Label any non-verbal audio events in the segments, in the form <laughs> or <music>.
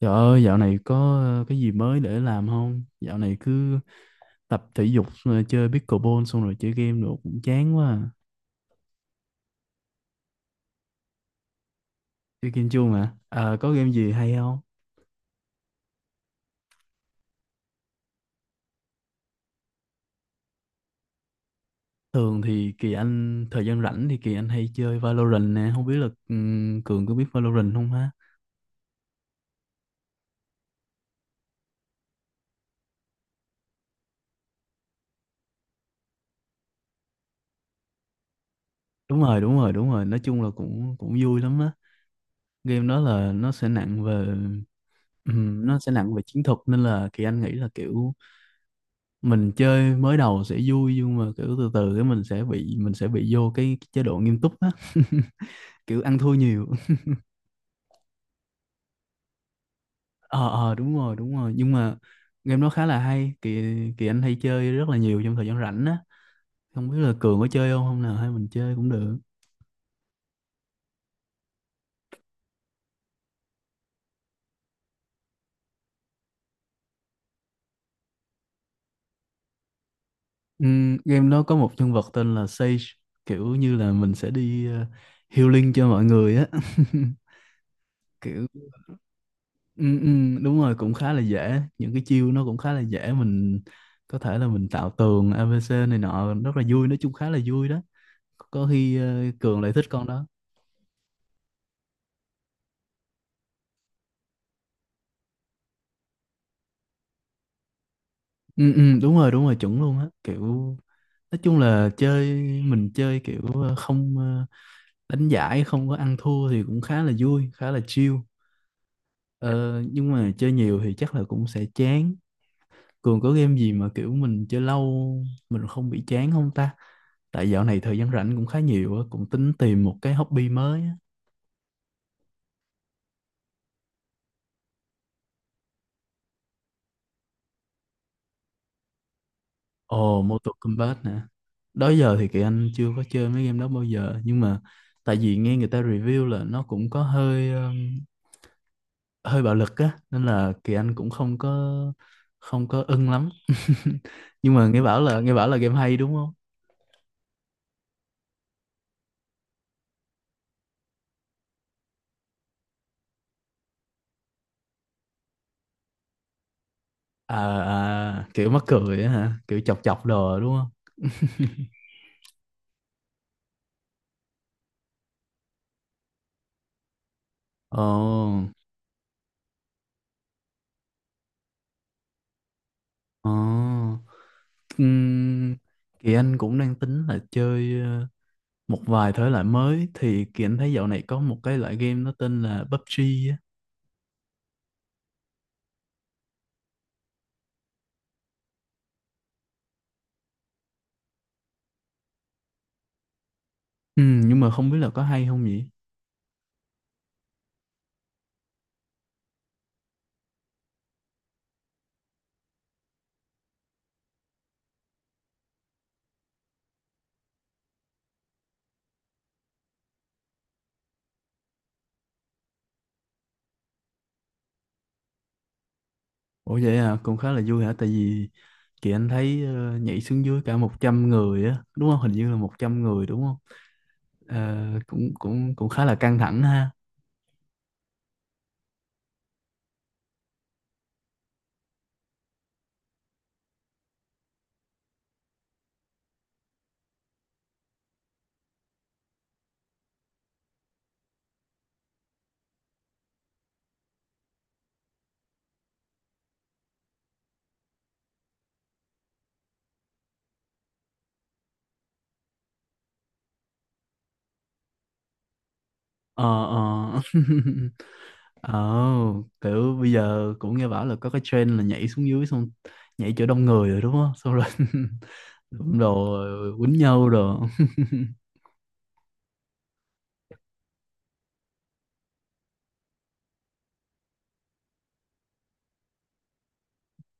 Trời ơi, dạo này có cái gì mới để làm không? Dạo này cứ tập thể dục, rồi chơi pickleball xong rồi chơi game nữa cũng chán quá. À. Chơi game chưa mà. À, có game gì hay không? Thường thì Kỳ Anh, thời gian rảnh thì Kỳ Anh hay chơi Valorant nè. Không biết là Cường có biết Valorant không ha? Đúng rồi, đúng rồi, đúng rồi. Nói chung là cũng cũng vui lắm á. Game đó là nó sẽ nặng về nó sẽ nặng về chiến thuật nên là Kỳ Anh nghĩ là kiểu mình chơi mới đầu sẽ vui nhưng mà kiểu từ từ cái mình sẽ bị vô cái chế độ nghiêm túc á <laughs> kiểu ăn thua nhiều. Ờ, đúng rồi, đúng rồi, nhưng mà game đó khá là hay, kỳ kỳ anh hay chơi rất là nhiều trong thời gian rảnh á. Không biết là Cường có chơi không, hôm nào hay mình chơi cũng được. Game đó có một nhân vật tên là Sage, kiểu như là mình sẽ đi healing cho mọi người á. <laughs> Kiểu. Ừ, ừ, đúng rồi, cũng khá là dễ, những cái chiêu nó cũng khá là dễ, mình có thể là mình tạo tường ABC này nọ rất là vui, nói chung khá là vui đó. Có khi Cường lại thích con đó. Ừ, ừ, đúng rồi, đúng rồi, chuẩn luôn á. Kiểu nói chung là chơi, mình chơi kiểu ờ, không ờ, đánh giải không có ăn thua thì cũng khá là vui, khá là chill. Ờ, nhưng mà chơi nhiều thì chắc là cũng sẽ chán. Cường có game gì mà kiểu mình chơi lâu mình không bị chán không ta? Tại dạo này thời gian rảnh cũng khá nhiều á, cũng tính tìm một cái hobby mới á. Ồ, Mortal Kombat nè. Đó giờ thì Kỳ Anh chưa có chơi mấy game đó bao giờ, nhưng mà tại vì nghe người ta review là nó cũng có hơi hơi bạo lực á, nên là Kỳ Anh cũng không có ưng lắm. <laughs> Nhưng mà nghe bảo là game hay đúng không? À, à kiểu mắc cười á hả? Kiểu chọc chọc đồ đúng không? Ồ, ồ. Ừm, Kỳ Anh cũng đang tính là chơi một vài thể loại mới thì Kỳ Anh thấy dạo này có một cái loại game nó tên là PUBG á. Nhưng mà không biết là có hay không nhỉ? Ủa vậy à, cũng khá là vui hả? Tại vì Kỳ Anh thấy nhảy xuống dưới cả 100 người á, đúng không? Hình như là 100 người đúng không? Ờ, cũng cũng cũng khá là căng thẳng ha. Ờ ờ. <laughs> Ồ, kiểu bây giờ cũng nghe bảo là có cái trend là nhảy xuống dưới xong nhảy chỗ đông người rồi đúng không? Xong rồi <laughs> đụng đồ quýnh nhau đồ. <laughs>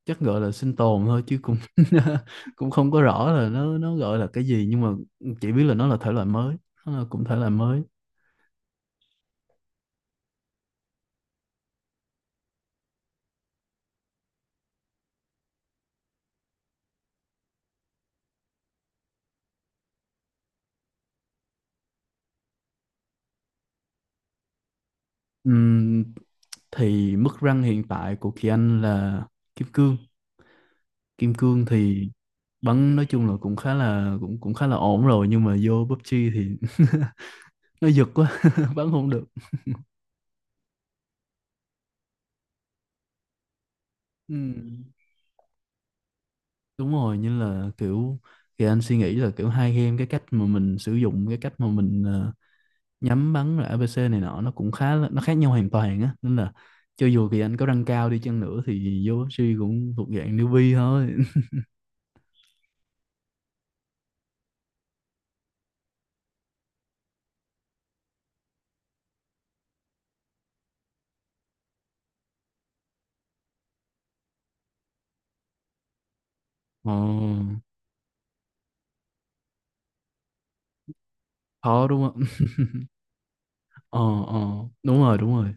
Chắc gọi là sinh tồn thôi chứ cũng <laughs> cũng không có rõ là nó gọi là cái gì, nhưng mà chỉ biết là nó là thể loại mới, nó là cũng thể loại mới. Ừm, thì mức rank hiện tại của Kỳ Anh là kim cương. Kim cương thì bắn nói chung là cũng khá là ổn rồi, nhưng mà vô PUBG thì <laughs> nó giật quá <laughs> bắn không được. Ừm, đúng rồi, như là kiểu Kỳ Anh suy nghĩ là kiểu hai game, cái cách mà mình sử dụng cái cách mà mình nhắm bắn rồi ABC này nọ nó cũng khá là, nó khác nhau hoàn toàn á, nên là cho dù kỳ anh có răng cao đi chăng nữa thì vô bác sĩ cũng thuộc dạng newbie thôi. <laughs> Ờ, khó đúng không. <laughs> Ờ, ờ, đúng rồi, đúng rồi,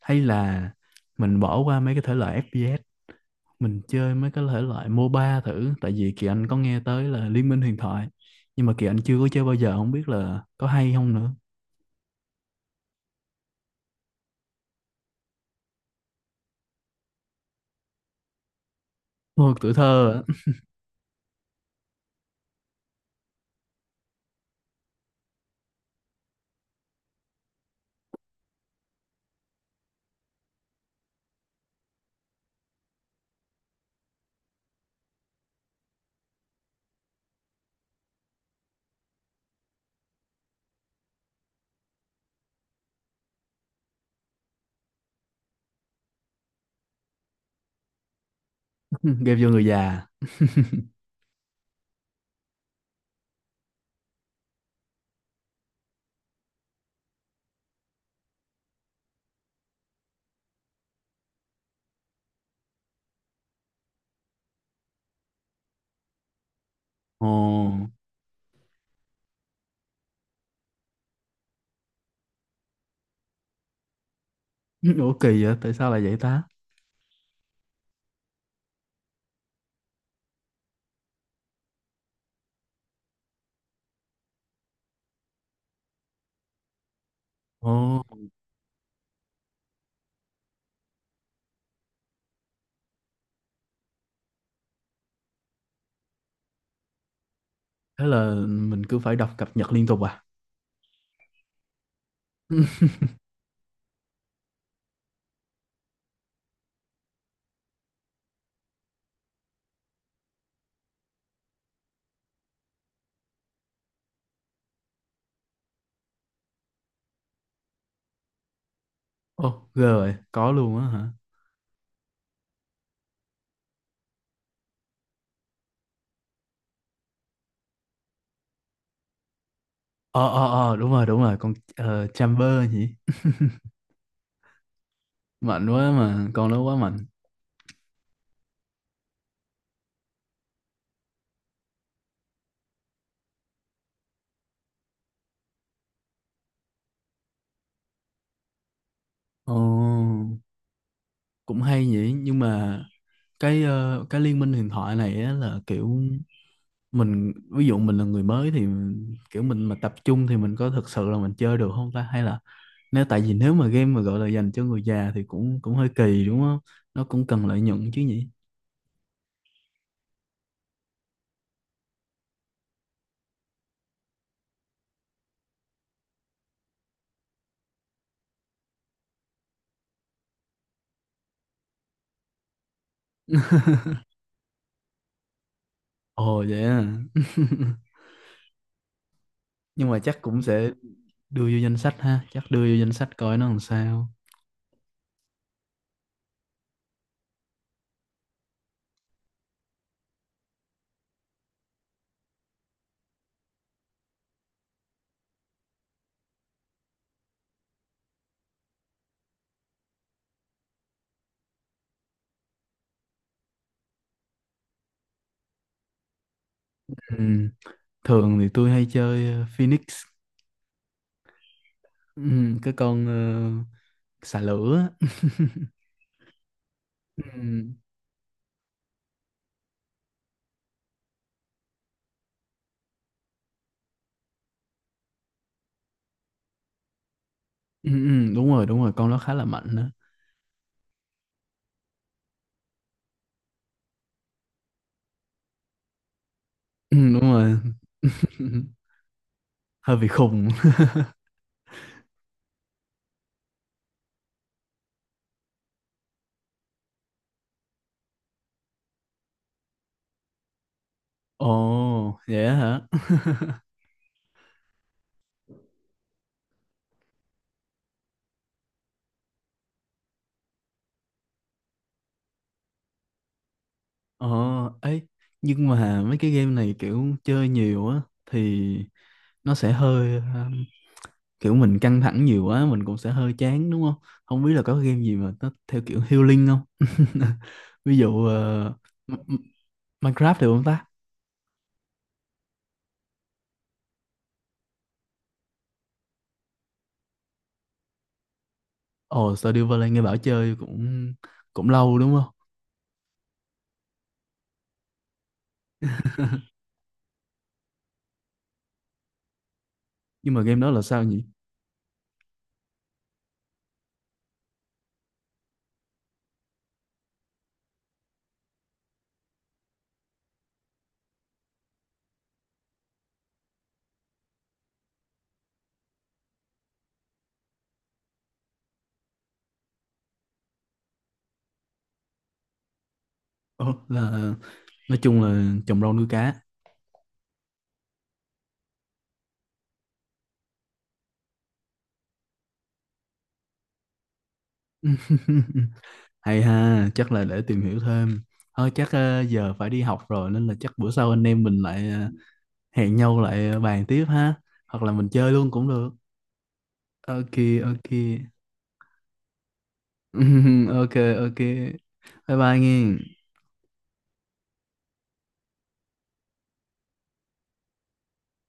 hay là mình bỏ qua mấy cái thể loại FPS, mình chơi mấy cái thể loại MOBA thử, tại vì kỳ anh có nghe tới là Liên minh huyền thoại, nhưng mà kỳ anh chưa có chơi bao giờ, không biết là có hay không nữa. Thôi tuổi thơ á. <laughs> Game vô người già. <laughs> Ồ. Ủa kỳ vậy, tại sao lại vậy ta. Ồ. Thế là mình cứ phải đọc cập nhật liên tục à? <laughs> Ồ, ghê rồi, có luôn á hả? Ờ, ờ, ờ, đúng rồi, con Chamber nhỉ? Mạnh quá mà, con nó quá mạnh. Ồ, cũng hay nhỉ, nhưng mà cái cái liên minh huyền thoại này á là kiểu mình ví dụ mình là người mới thì kiểu mình mà tập trung thì mình có thực sự là mình chơi được không ta, hay là nếu tại vì nếu mà game mà gọi là dành cho người già thì cũng cũng hơi kỳ đúng không? Nó cũng cần lợi nhuận chứ nhỉ? Ồ vậy à. <laughs> Nhưng mà chắc cũng sẽ đưa vô danh sách ha, chắc đưa vô danh sách coi nó làm sao. Ừ. Thường thì tôi hay chơi Phoenix. Ừ. Cái con xà lửa á. <laughs> Ừ. Ừ, ừ, đúng rồi, đúng rồi, con nó khá là mạnh đó. Ừ, đúng rồi. <laughs> Hơi bị khùng. <laughs> Ồ vậy á hả. Ồ ấy, nhưng mà mấy cái game này kiểu chơi nhiều á thì nó sẽ hơi kiểu mình căng thẳng nhiều quá mình cũng sẽ hơi chán đúng không, không biết là có game gì mà nó theo kiểu healing không. <laughs> Ví dụ M- M- Minecraft được không ta. Ồ, Stardew Valley nghe bảo chơi cũng cũng lâu đúng không. Nhưng mà game đó là sao nhỉ? Ồ, là nói chung là trồng rau nuôi cá. <laughs> Hay ha, chắc là để tìm hiểu thêm. Thôi chắc giờ phải đi học rồi nên là chắc bữa sau anh em mình lại hẹn nhau lại bàn tiếp ha, hoặc là mình chơi luôn cũng được. Ok. Ok. <laughs> Ok, ok. Bye bye nghe.